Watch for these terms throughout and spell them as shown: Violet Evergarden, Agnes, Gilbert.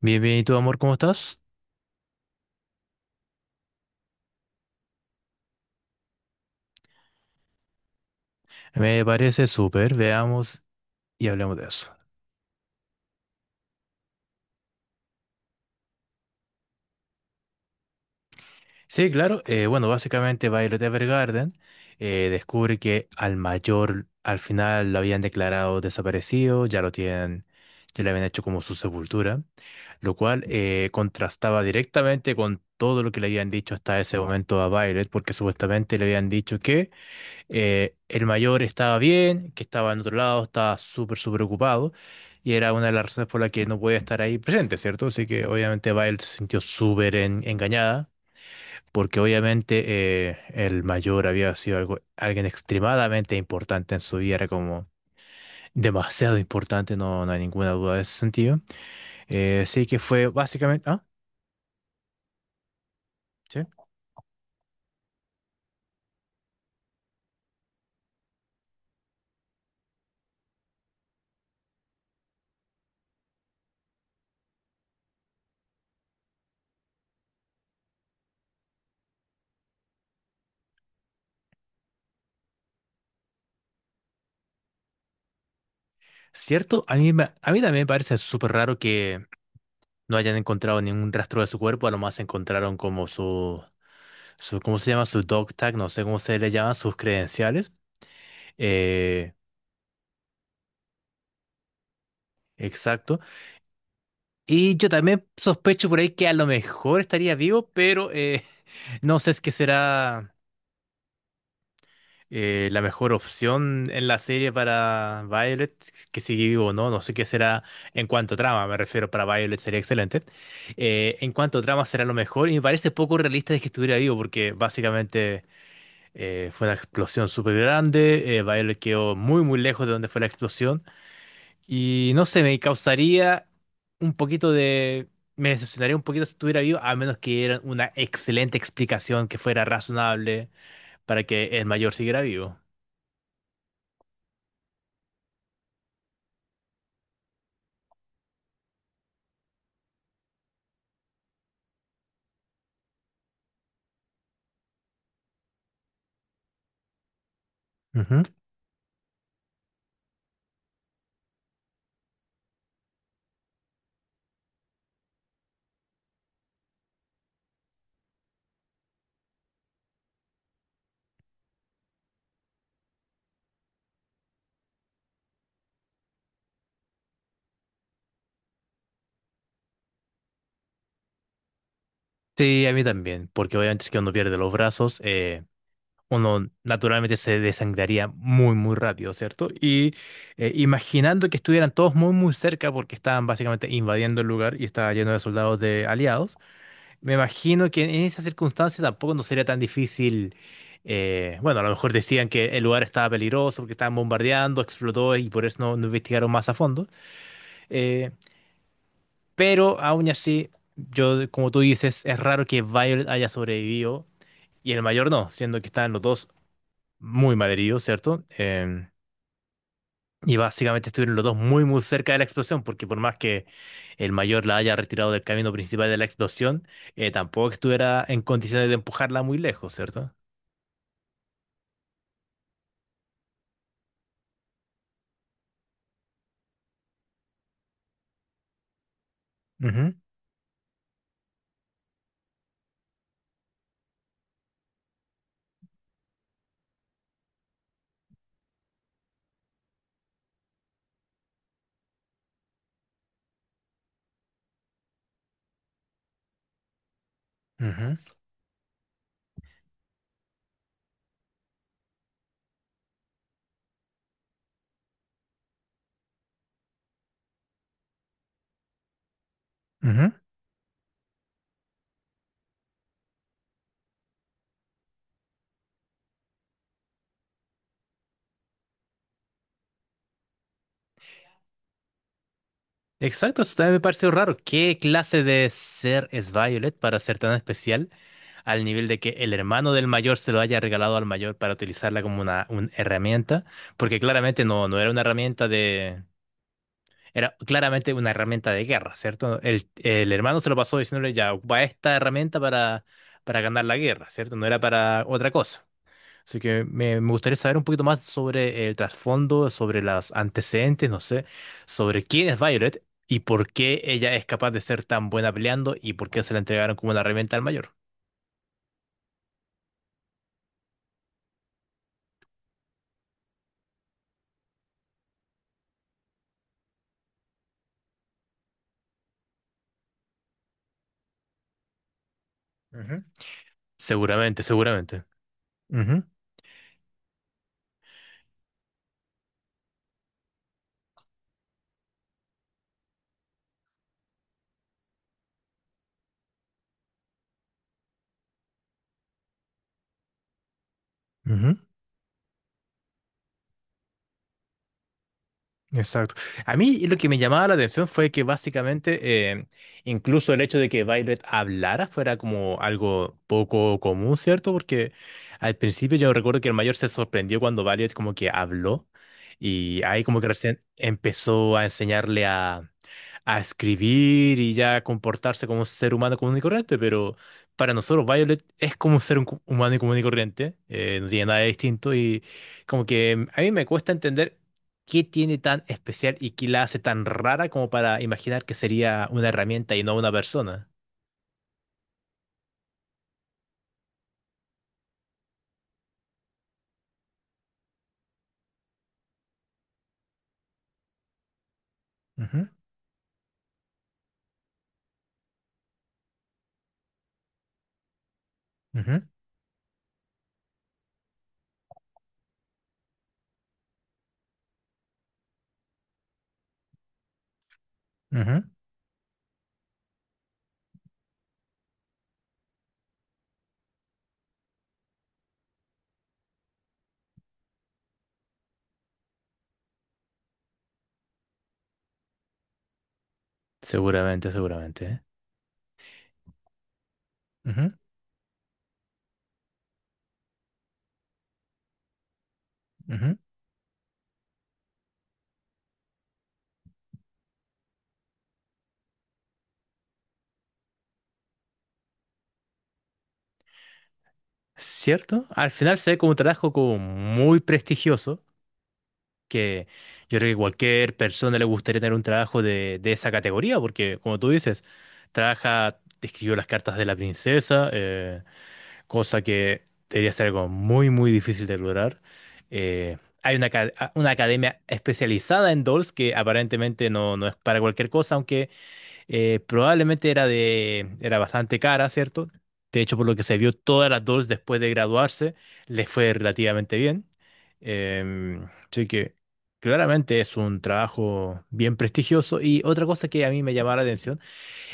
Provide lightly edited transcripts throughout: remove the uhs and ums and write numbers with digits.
Bien, bien, ¿y tu amor, cómo estás? Me parece súper, veamos y hablemos de eso. Sí, claro, bueno, básicamente Violet Evergarden descubre que al mayor al final lo habían declarado desaparecido, ya lo tienen, ya le habían hecho como su sepultura, lo cual contrastaba directamente con todo lo que le habían dicho hasta ese momento a Violet, porque supuestamente le habían dicho que el mayor estaba bien, que estaba en otro lado, estaba súper, súper ocupado, y era una de las razones por la que no podía estar ahí presente, ¿cierto? Así que obviamente Violet se sintió súper engañada, porque obviamente el mayor había sido algo, alguien extremadamente importante en su vida, era como demasiado importante, no, no hay ninguna duda de ese sentido. Así que fue básicamente. ¿Ah? ¿Sí? ¿Cierto? A mí, a mí también me parece súper raro que no hayan encontrado ningún rastro de su cuerpo, a lo más encontraron como su, ¿cómo se llama? Su dog tag, no sé cómo se le llaman, sus credenciales. Eh, exacto. Y yo también sospecho por ahí que a lo mejor estaría vivo, pero no sé si es que será la mejor opción en la serie para Violet, que sigue vivo o no, no sé qué será en cuanto a trama, me refiero, para Violet sería excelente. En cuanto a trama será lo mejor y me parece poco realista de que estuviera vivo, porque básicamente. Fue una explosión súper grande. Violet quedó muy, muy lejos de donde fue la explosión. Y no sé, me causaría un poquito de. Me decepcionaría un poquito si estuviera vivo, a menos que dieran una excelente explicación que fuera razonable para que el mayor siguiera vivo. Ujú. Sí, a mí también, porque obviamente es que uno pierde los brazos. Uno naturalmente se desangraría muy, muy rápido, ¿cierto? Y imaginando que estuvieran todos muy, muy cerca porque estaban básicamente invadiendo el lugar y estaba lleno de soldados de aliados, me imagino que en esas circunstancias tampoco no sería tan difícil. Bueno, a lo mejor decían que el lugar estaba peligroso porque estaban bombardeando, explotó y por eso no, no investigaron más a fondo. eh, pero aún así, yo, como tú dices, es raro que Violet haya sobrevivido y el mayor no, siendo que estaban los dos muy mal herido, ¿cierto? Y básicamente estuvieron los dos muy, muy cerca de la explosión, porque por más que el mayor la haya retirado del camino principal de la explosión, tampoco estuviera en condiciones de empujarla muy lejos, cierto. Ujú, ujú, ujú. Exacto, eso también me pareció raro. ¿Qué clase de ser es Violet para ser tan especial al nivel de que el hermano del mayor se lo haya regalado al mayor para utilizarla como una herramienta? Porque claramente no, no era una herramienta de. Era claramente una herramienta de guerra, ¿cierto? El hermano se lo pasó diciéndole, ya, ocupa esta herramienta para ganar la guerra, ¿cierto? No era para otra cosa. Así que me gustaría saber un poquito más sobre el trasfondo, sobre los antecedentes, no sé, sobre quién es Violet y por qué ella es capaz de ser tan buena peleando y por qué se la entregaron como una herramienta al mayor. Ujú. Seguramente, seguramente. Ujú, ujú. Exacto. A mí lo que me llamaba la atención fue que básicamente incluso el hecho de que Violet hablara fuera como algo poco común, ¿cierto? Porque al principio yo recuerdo que el mayor se sorprendió cuando Violet como que habló y ahí como que recién empezó a enseñarle a escribir y ya a comportarse como un ser humano común y corriente, pero para nosotros Violet es como un ser un humano y común y corriente, no tiene nada de distinto y como que a mí me cuesta entender qué tiene tan especial y qué la hace tan rara como para imaginar que sería una herramienta y no una persona. Ujú, ujú, ujú, seguramente, seguramente, ¿eh? Ujú, ujú. ¿Cierto? Al final se ve como un trabajo como muy prestigioso. Que yo creo que cualquier persona le gustaría tener un trabajo de esa categoría, porque como tú dices, trabaja, escribió las cartas de la princesa, cosa que debería ser algo muy, muy difícil de lograr. Eh, Hay una academia especializada en dolls que aparentemente no, no es para cualquier cosa, aunque probablemente era bastante cara, ¿cierto? De hecho, por lo que se vio, todas las dos después de graduarse les fue relativamente bien. Em, Así que claramente es un trabajo bien prestigioso. Y otra cosa que a mí me llamaba la atención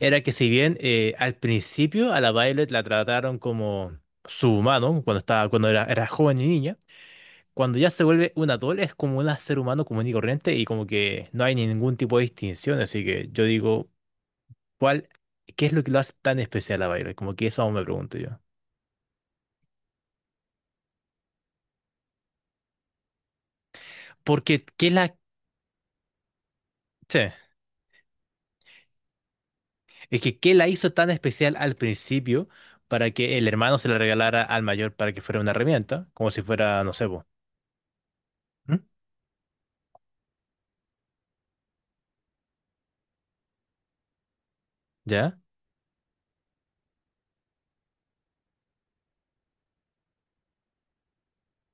era que si bien al principio a la Violet la trataron como su humano, cuando era joven y niña, cuando ya se vuelve un atol es como un ser humano común y corriente y como que no hay ningún tipo de distinción. Así que yo digo... ¿Cuál, ¿qué es lo que lo hace tan especial a Violet? Como que eso aún me pregunto yo. Porque, ¿qué la, sí, es que, ¿qué la hizo tan especial al principio para que el hermano se la regalara al mayor para que fuera una herramienta? Como si fuera, no sé, vos. ¿Ya?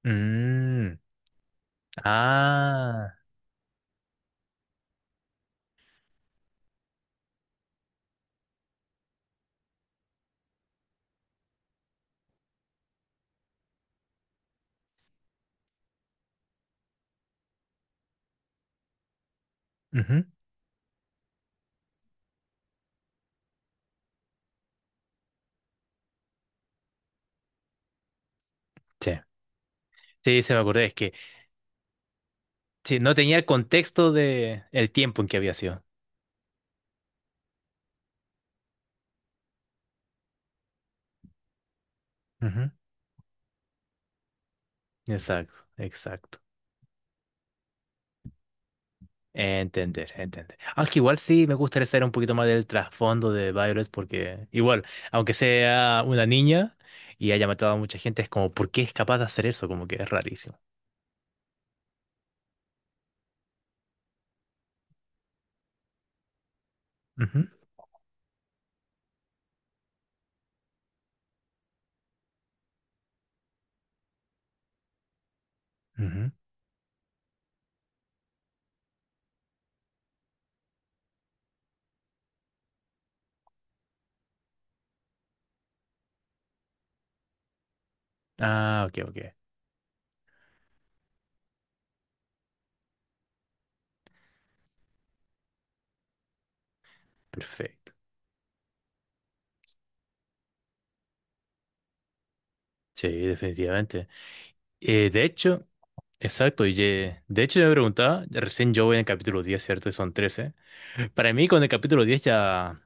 Mm, ah, ujú, sí. Sí, se me acordé, es que sí, no tenía el contexto de el tiempo en que había sido. Ujú, exacto, exacto. Entender, entender. Aunque igual sí me gustaría saber un poquito más del trasfondo de Violet, porque igual, aunque sea una niña y haya matado a mucha gente, es como, ¿por qué es capaz de hacer eso? Como que es rarísimo. Ujú, ujú. Ah, ok, ok. Perfecto. Sí, definitivamente. De hecho, exacto, y de hecho yo me preguntaba, recién yo voy en el capítulo 10, ¿cierto? Y son 13. Para mí con el capítulo 10 ya...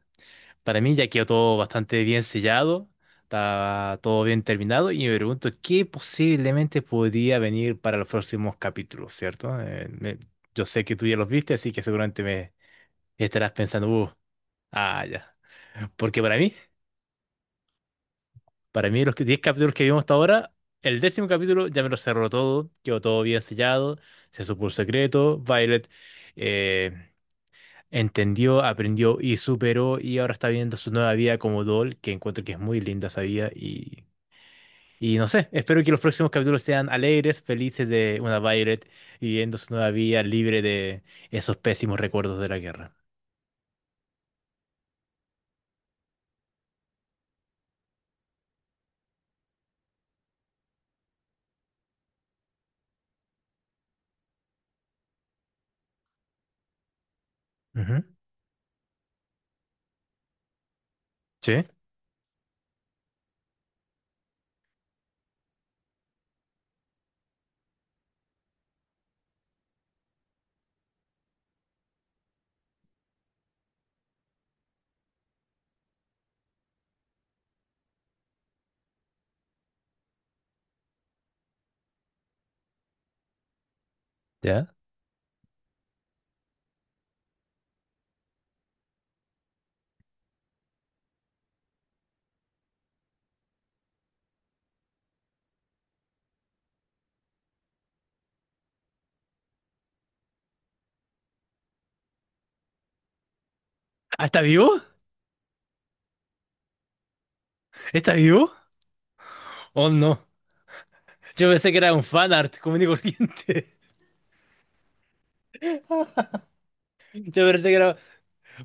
Para mí ya quedó todo bastante bien sellado, está todo bien terminado y me pregunto qué posiblemente podría venir para los próximos capítulos, ¿cierto? Yo sé que tú ya los viste, así que seguramente me estarás pensando, " ah, ya. Porque para mí, 10 capítulos que vimos hasta ahora, el décimo capítulo ya me lo cerró todo, quedó todo bien sellado, se supo el secreto, Violet eh, entendió, aprendió y superó y ahora está viendo su nueva vida como Doll, que encuentro que es muy linda esa vida y no sé, espero que los próximos capítulos sean alegres, felices de una Violet viviendo su nueva vida libre de esos pésimos recuerdos de la guerra. Ujú. ¿Sí? ¿Ya? ¿Ah, está vivo? ¿Está vivo? Oh, no. Yo pensé que era un fanart común y corriente. Yo pensé que era.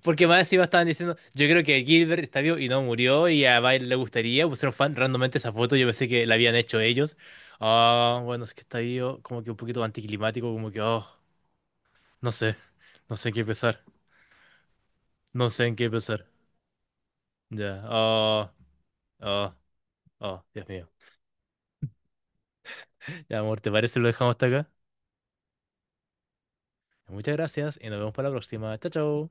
Porque más encima estaban diciendo, yo creo que Gilbert está vivo y no murió y a Bile le gustaría. Pusieron fan randommente esa foto, yo pensé que la habían hecho ellos. Ah, bueno, es que está vivo, como que un poquito anticlimático, como que, oh, no sé, no sé en qué pensar, no sé en qué pensar. Ya, oh, oh, oh, Dios mío. Ya, amor, ¿te parece si lo dejamos hasta acá? Muchas gracias y nos vemos para la próxima. Chao, chao.